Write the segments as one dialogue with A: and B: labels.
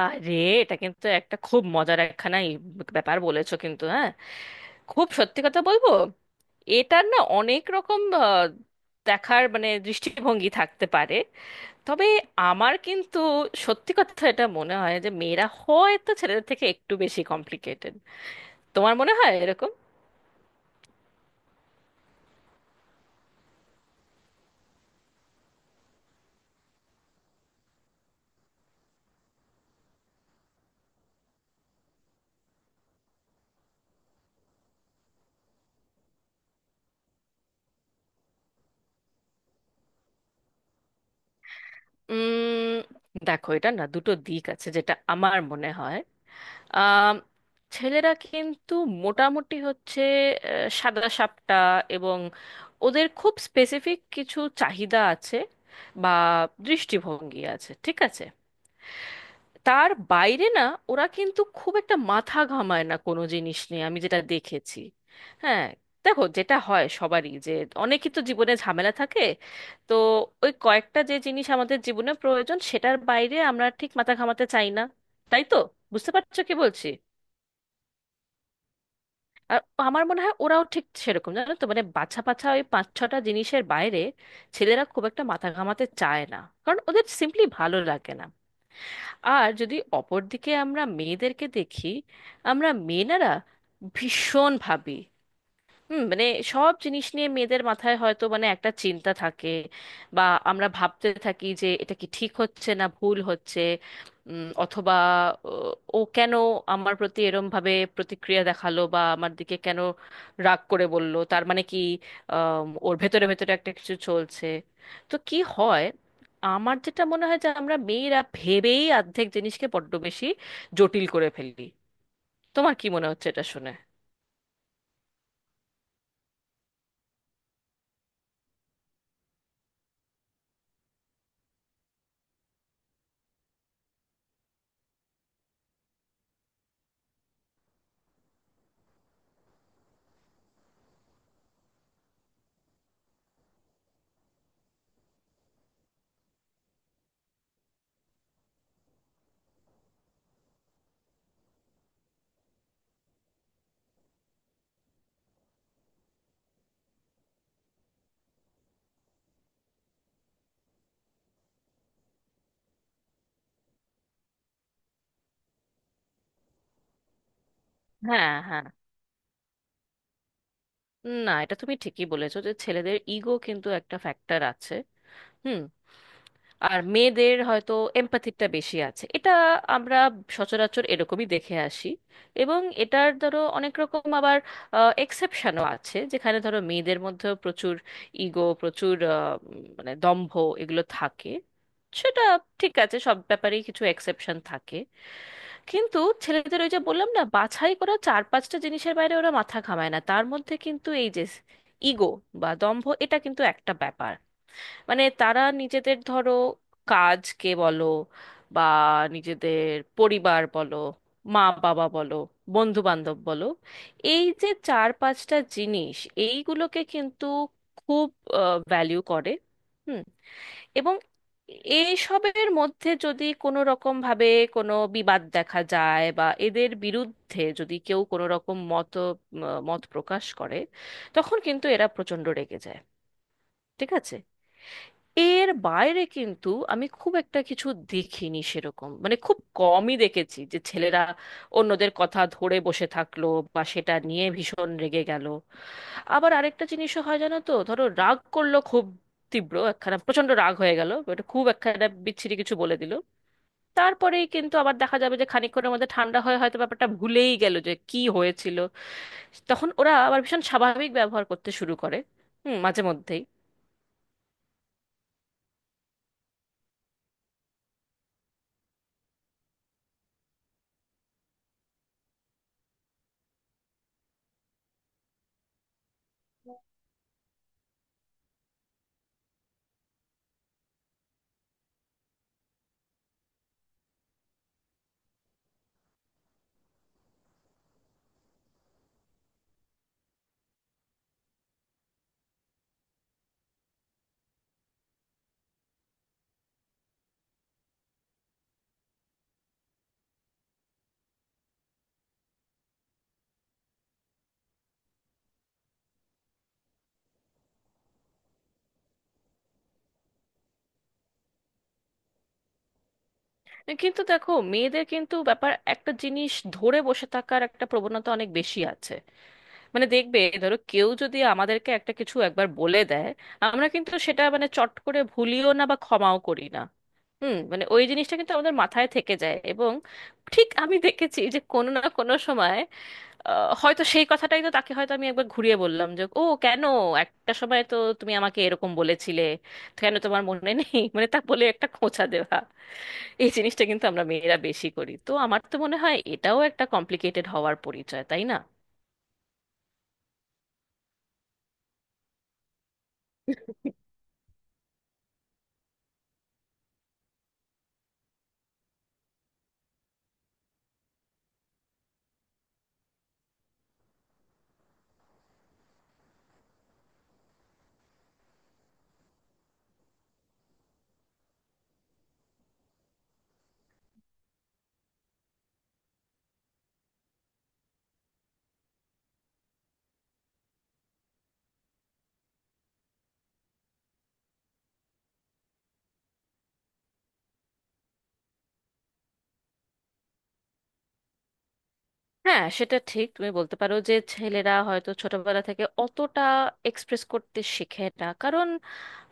A: আরে, এটা কিন্তু একটা খুব মজার একখানা ব্যাপার বলেছো। কিন্তু হ্যাঁ, খুব সত্যি কথা বলবো, এটার না অনেক রকম দেখার মানে দৃষ্টিভঙ্গি থাকতে পারে। তবে আমার কিন্তু সত্যি কথা এটা মনে হয় যে মেয়েরা হয়তো ছেলেদের থেকে একটু বেশি কমপ্লিকেটেড। তোমার মনে হয় এরকম? উম দেখো, এটা না দুটো দিক আছে যেটা আমার মনে হয়। আম, ছেলেরা কিন্তু মোটামুটি হচ্ছে সাদা সাপটা, এবং ওদের খুব স্পেসিফিক কিছু চাহিদা আছে বা দৃষ্টিভঙ্গি আছে, ঠিক আছে? তার বাইরে না, ওরা কিন্তু খুব একটা মাথা ঘামায় না কোনো জিনিস নিয়ে, আমি যেটা দেখেছি। হ্যাঁ, দেখো যেটা হয় সবারই, যে অনেকই তো জীবনে ঝামেলা থাকে। তো ওই কয়েকটা যে জিনিস আমাদের জীবনে প্রয়োজন সেটার বাইরে আমরা ঠিক মাথা ঘামাতে চাই না, তাই তো? বুঝতে পারছো কি বলছি? আর আমার মনে হয় ওরাও ঠিক সেরকম, জানো তো, মানে বাছা বাছা ওই পাঁচ ছটা জিনিসের বাইরে ছেলেরা খুব একটা মাথা ঘামাতে চায় না, কারণ ওদের সিম্পলি ভালো লাগে না। আর যদি অপরদিকে আমরা মেয়েদেরকে দেখি, আমরা মেয়েরা ভীষণ ভাবি। হুম, মানে সব জিনিস নিয়ে মেয়েদের মাথায় হয়তো মানে একটা চিন্তা থাকে। বা আমরা ভাবতে থাকি যে এটা কি ঠিক হচ্ছে না ভুল হচ্ছে, অথবা ও ও কেন আমার প্রতি এরম ভাবে প্রতিক্রিয়া দেখালো, বা আমার দিকে কেন রাগ করে বলল, তার মানে কি ওর ভেতরে ভেতরে একটা কিছু চলছে? তো কি হয়, আমার যেটা মনে হয় যে আমরা মেয়েরা ভেবেই অর্ধেক জিনিসকে বড্ড বেশি জটিল করে ফেলি। তোমার কি মনে হচ্ছে এটা শুনে? হ্যাঁ, হ্যাঁ, না এটা তুমি ঠিকই বলেছো যে ছেলেদের ইগো কিন্তু একটা ফ্যাক্টর আছে। হুম। আর মেয়েদের হয়তো এম্প্যাথিটা বেশি আছে, এটা আমরা সচরাচর এরকমই দেখে আসি। এবং এটার ধরো অনেক রকম আবার এক্সেপশনও আছে, যেখানে ধরো মেয়েদের মধ্যেও প্রচুর ইগো, প্রচুর মানে দম্ভ, এগুলো থাকে। সেটা ঠিক আছে, সব ব্যাপারেই কিছু এক্সেপশন থাকে। কিন্তু ছেলেদের ওই যে বললাম না, বাছাই করা চার পাঁচটা জিনিসের বাইরে ওরা মাথা ঘামায় না, তার মধ্যে কিন্তু এই যে ইগো বা দম্ভ, এটা কিন্তু একটা ব্যাপার। মানে তারা নিজেদের ধরো কাজকে বলো, বা নিজেদের পরিবার বলো, মা বাবা বলো, বন্ধু বান্ধব বলো, এই যে চার পাঁচটা জিনিস, এইগুলোকে কিন্তু খুব ভ্যালিউ করে। হুম। এবং এইসবের মধ্যে যদি কোনো রকম ভাবে কোনো বিবাদ দেখা যায়, বা এদের বিরুদ্ধে যদি কেউ কোনো রকম মত মত প্রকাশ করে, তখন কিন্তু এরা প্রচণ্ড রেগে যায়, ঠিক আছে? এর বাইরে কিন্তু আমি খুব একটা কিছু দেখিনি, সেরকম মানে খুব কমই দেখেছি যে ছেলেরা অন্যদের কথা ধরে বসে থাকলো বা সেটা নিয়ে ভীষণ রেগে গেল। আবার আরেকটা জিনিসও হয় জানো তো, ধরো রাগ করলো খুব তীব্র, একখানা প্রচন্ড রাগ হয়ে গেল, ওটা খুব একখানা বিচ্ছিরি কিছু বলে দিল, তারপরেই কিন্তু আবার দেখা যাবে যে খানিকক্ষণের মধ্যে ঠান্ডা হয়ে হয়তো ব্যাপারটা ভুলেই গেল যে কি হয়েছিল। তখন ওরা আবার ভীষণ স্বাভাবিক ব্যবহার করতে শুরু করে। হুম, মাঝে মধ্যেই। কিন্তু দেখো, মেয়েদের কিন্তু ব্যাপার একটা জিনিস ধরে বসে থাকার একটা প্রবণতা অনেক বেশি আছে। মানে দেখবে, ধরো কেউ যদি আমাদেরকে একটা কিছু একবার বলে দেয়, আমরা কিন্তু সেটা মানে চট করে ভুলিও না বা ক্ষমাও করি না। হুম, মানে ওই জিনিসটা কিন্তু আমাদের মাথায় থেকে যায়, এবং ঠিক আমি দেখেছি যে কোনো না কোনো সময় হয়তো সেই কথাটাই তো তাকে হয়তো আমি একবার ঘুরিয়ে বললাম যে, ও কেন একটা সময় তো তুমি আমাকে এরকম বলেছিলে, কেন তোমার মনে নেই, মানে তা বলে একটা খোঁচা দেওয়া। এই জিনিসটা কিন্তু আমরা মেয়েরা বেশি করি। তো আমার তো মনে হয় এটাও একটা কমপ্লিকেটেড হওয়ার পরিচয়, তাই না? হ্যাঁ, সেটা ঠিক তুমি বলতে পারো যে ছেলেরা হয়তো ছোটবেলা থেকে অতটা এক্সপ্রেস করতে শেখে না, কারণ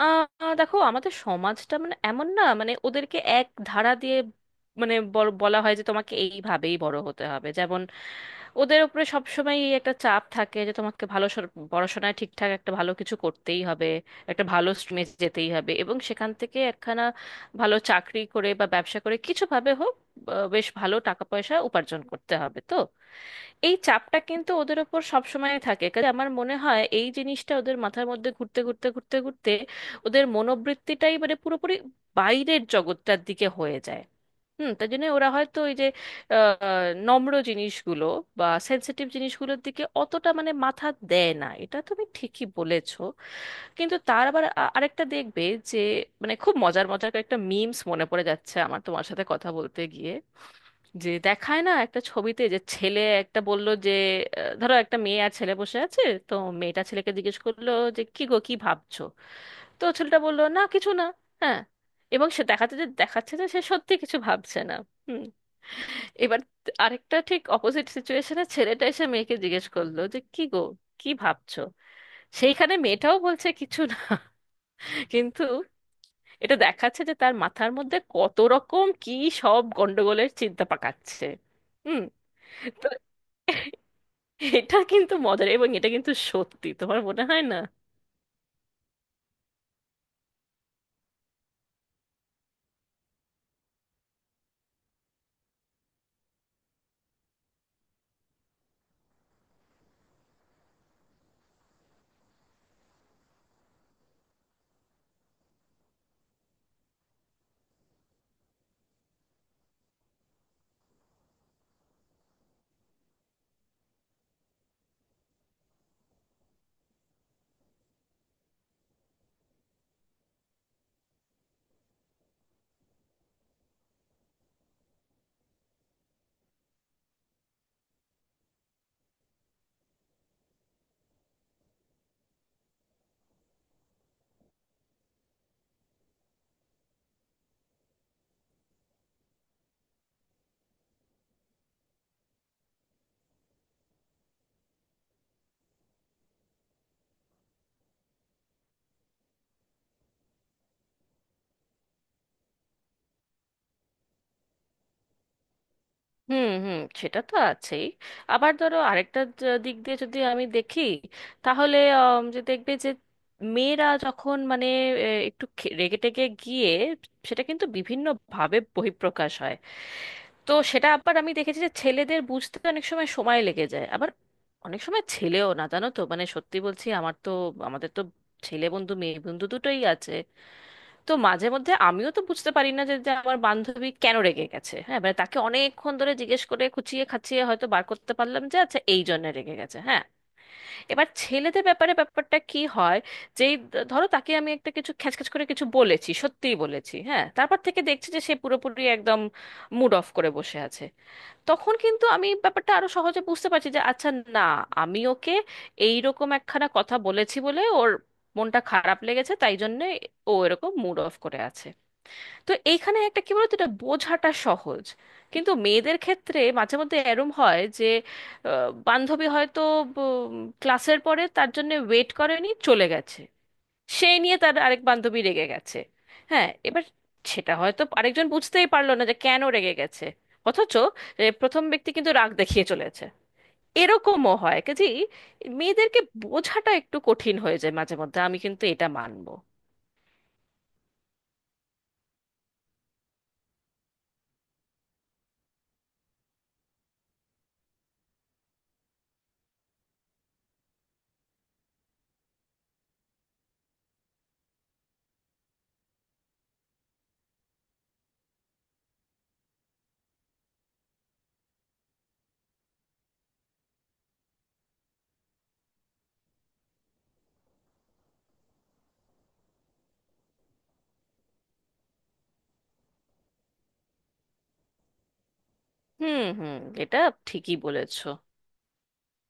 A: দেখো আমাদের সমাজটা মানে এমন না, মানে ওদেরকে এক ধারা দিয়ে মানে বলা হয় যে তোমাকে এইভাবেই বড় হতে হবে, যেমন ওদের উপরে সবসময় একটা চাপ থাকে যে তোমাকে ভালো পড়াশোনায় ঠিকঠাক একটা ভালো কিছু করতেই হবে, একটা ভালো স্ট্রিমে যেতেই হবে, এবং সেখান থেকে একখানা ভালো চাকরি করে বা ব্যবসা করে কিছু ভাবে হোক বেশ ভালো টাকা পয়সা উপার্জন করতে হবে। তো এই চাপটা কিন্তু ওদের উপর সবসময় থাকে, কাজে আমার মনে হয় এই জিনিসটা ওদের মাথার মধ্যে ঘুরতে ঘুরতে ওদের মনোবৃত্তিটাই মানে পুরোপুরি বাইরের জগৎটার দিকে হয়ে যায়। হুম, তার জন্য ওরা হয়তো ওই যে আহ, নম্র জিনিসগুলো বা সেন্সিটিভ জিনিসগুলোর দিকে অতটা মানে মাথা দেয় না, এটা তুমি ঠিকই বলেছো। কিন্তু তার আবার আরেকটা দেখবে, যে মানে খুব মজার মজার কয়েকটা মিমস মনে পড়ে যাচ্ছে আমার তোমার সাথে কথা বলতে গিয়ে, যে দেখায় না একটা ছবিতে যে ছেলে একটা বলল যে ধরো একটা মেয়ে আর ছেলে বসে আছে, তো মেয়েটা ছেলেকে জিজ্ঞেস করলো যে, কি গো কি ভাবছো? তো ছেলেটা বললো, না কিছু না। হ্যাঁ, এবং সে দেখাতে যে দেখাচ্ছে যে সে সত্যি কিছু ভাবছে না। হুম। এবার আরেকটা ঠিক অপোজিট সিচুয়েশনে ছেলেটা এসে মেয়েকে জিজ্ঞেস করলো যে, কি গো কি ভাবছো? সেইখানে মেয়েটাও বলছে, কিছু না। কিন্তু এটা দেখাচ্ছে যে তার মাথার মধ্যে কত রকম কি সব গন্ডগোলের চিন্তা পাকাচ্ছে। হুম। এটা কিন্তু মজার, এবং এটা কিন্তু সত্যি, তোমার মনে হয় না? হুম, হুম, সেটা তো আছেই। আবার ধরো আরেকটা দিক দিয়ে যদি আমি দেখি, তাহলে যে দেখবে যে মেয়েরা যখন মানে একটু রেগে টেগে গিয়ে, সেটা কিন্তু বিভিন্ন ভাবে বহিঃপ্রকাশ হয়। তো সেটা আবার আমি দেখেছি যে ছেলেদের বুঝতে অনেক সময় সময় লেগে যায়। আবার অনেক সময় ছেলেও না, জানো তো মানে, সত্যি বলছি, আমার তো আমাদের তো ছেলে বন্ধু মেয়ে বন্ধু দুটোই আছে। তো মাঝে মধ্যে আমিও তো বুঝতে পারি না যে যে আমার বান্ধবী কেন রেগে গেছে। হ্যাঁ, মানে তাকে অনেকক্ষণ ধরে জিজ্ঞেস করে খুঁচিয়ে খাচিয়ে হয়তো বার করতে পারলাম যে আচ্ছা এই জন্য রেগে গেছে। হ্যাঁ। এবার ছেলেদের ব্যাপারে ব্যাপারটা কি হয়, যেই ধরো তাকে আমি একটা কিছু খ্যাচখ্যাচ করে কিছু বলেছি, সত্যিই বলেছি, হ্যাঁ, তারপর থেকে দেখছি যে সে পুরোপুরি একদম মুড অফ করে বসে আছে। তখন কিন্তু আমি ব্যাপারটা আরো সহজে বুঝতে পারছি যে আচ্ছা, না আমি ওকে এইরকম একখানা কথা বলেছি বলে ওর মনটা খারাপ লেগেছে, তাই জন্য ও এরকম মুড অফ করে আছে। তো এইখানে একটা কি বলতো, এটা বোঝাটা সহজ। কিন্তু মেয়েদের ক্ষেত্রে মাঝে মধ্যে এরম হয় যে বান্ধবী হয়তো উম, ক্লাসের পরে তার জন্য ওয়েট করেনি, চলে গেছে, সেই নিয়ে তার আরেক বান্ধবী রেগে গেছে। হ্যাঁ, এবার সেটা হয়তো আরেকজন বুঝতেই পারলো না যে কেন রেগে গেছে, অথচ প্রথম ব্যক্তি কিন্তু রাগ দেখিয়ে চলেছে। এরকমও হয়, কাজে মেয়েদেরকে বোঝাটা একটু কঠিন হয়ে যায় মাঝে মধ্যে, আমি কিন্তু এটা মানবো। হুম, হুম, এটা ঠিকই বলেছো।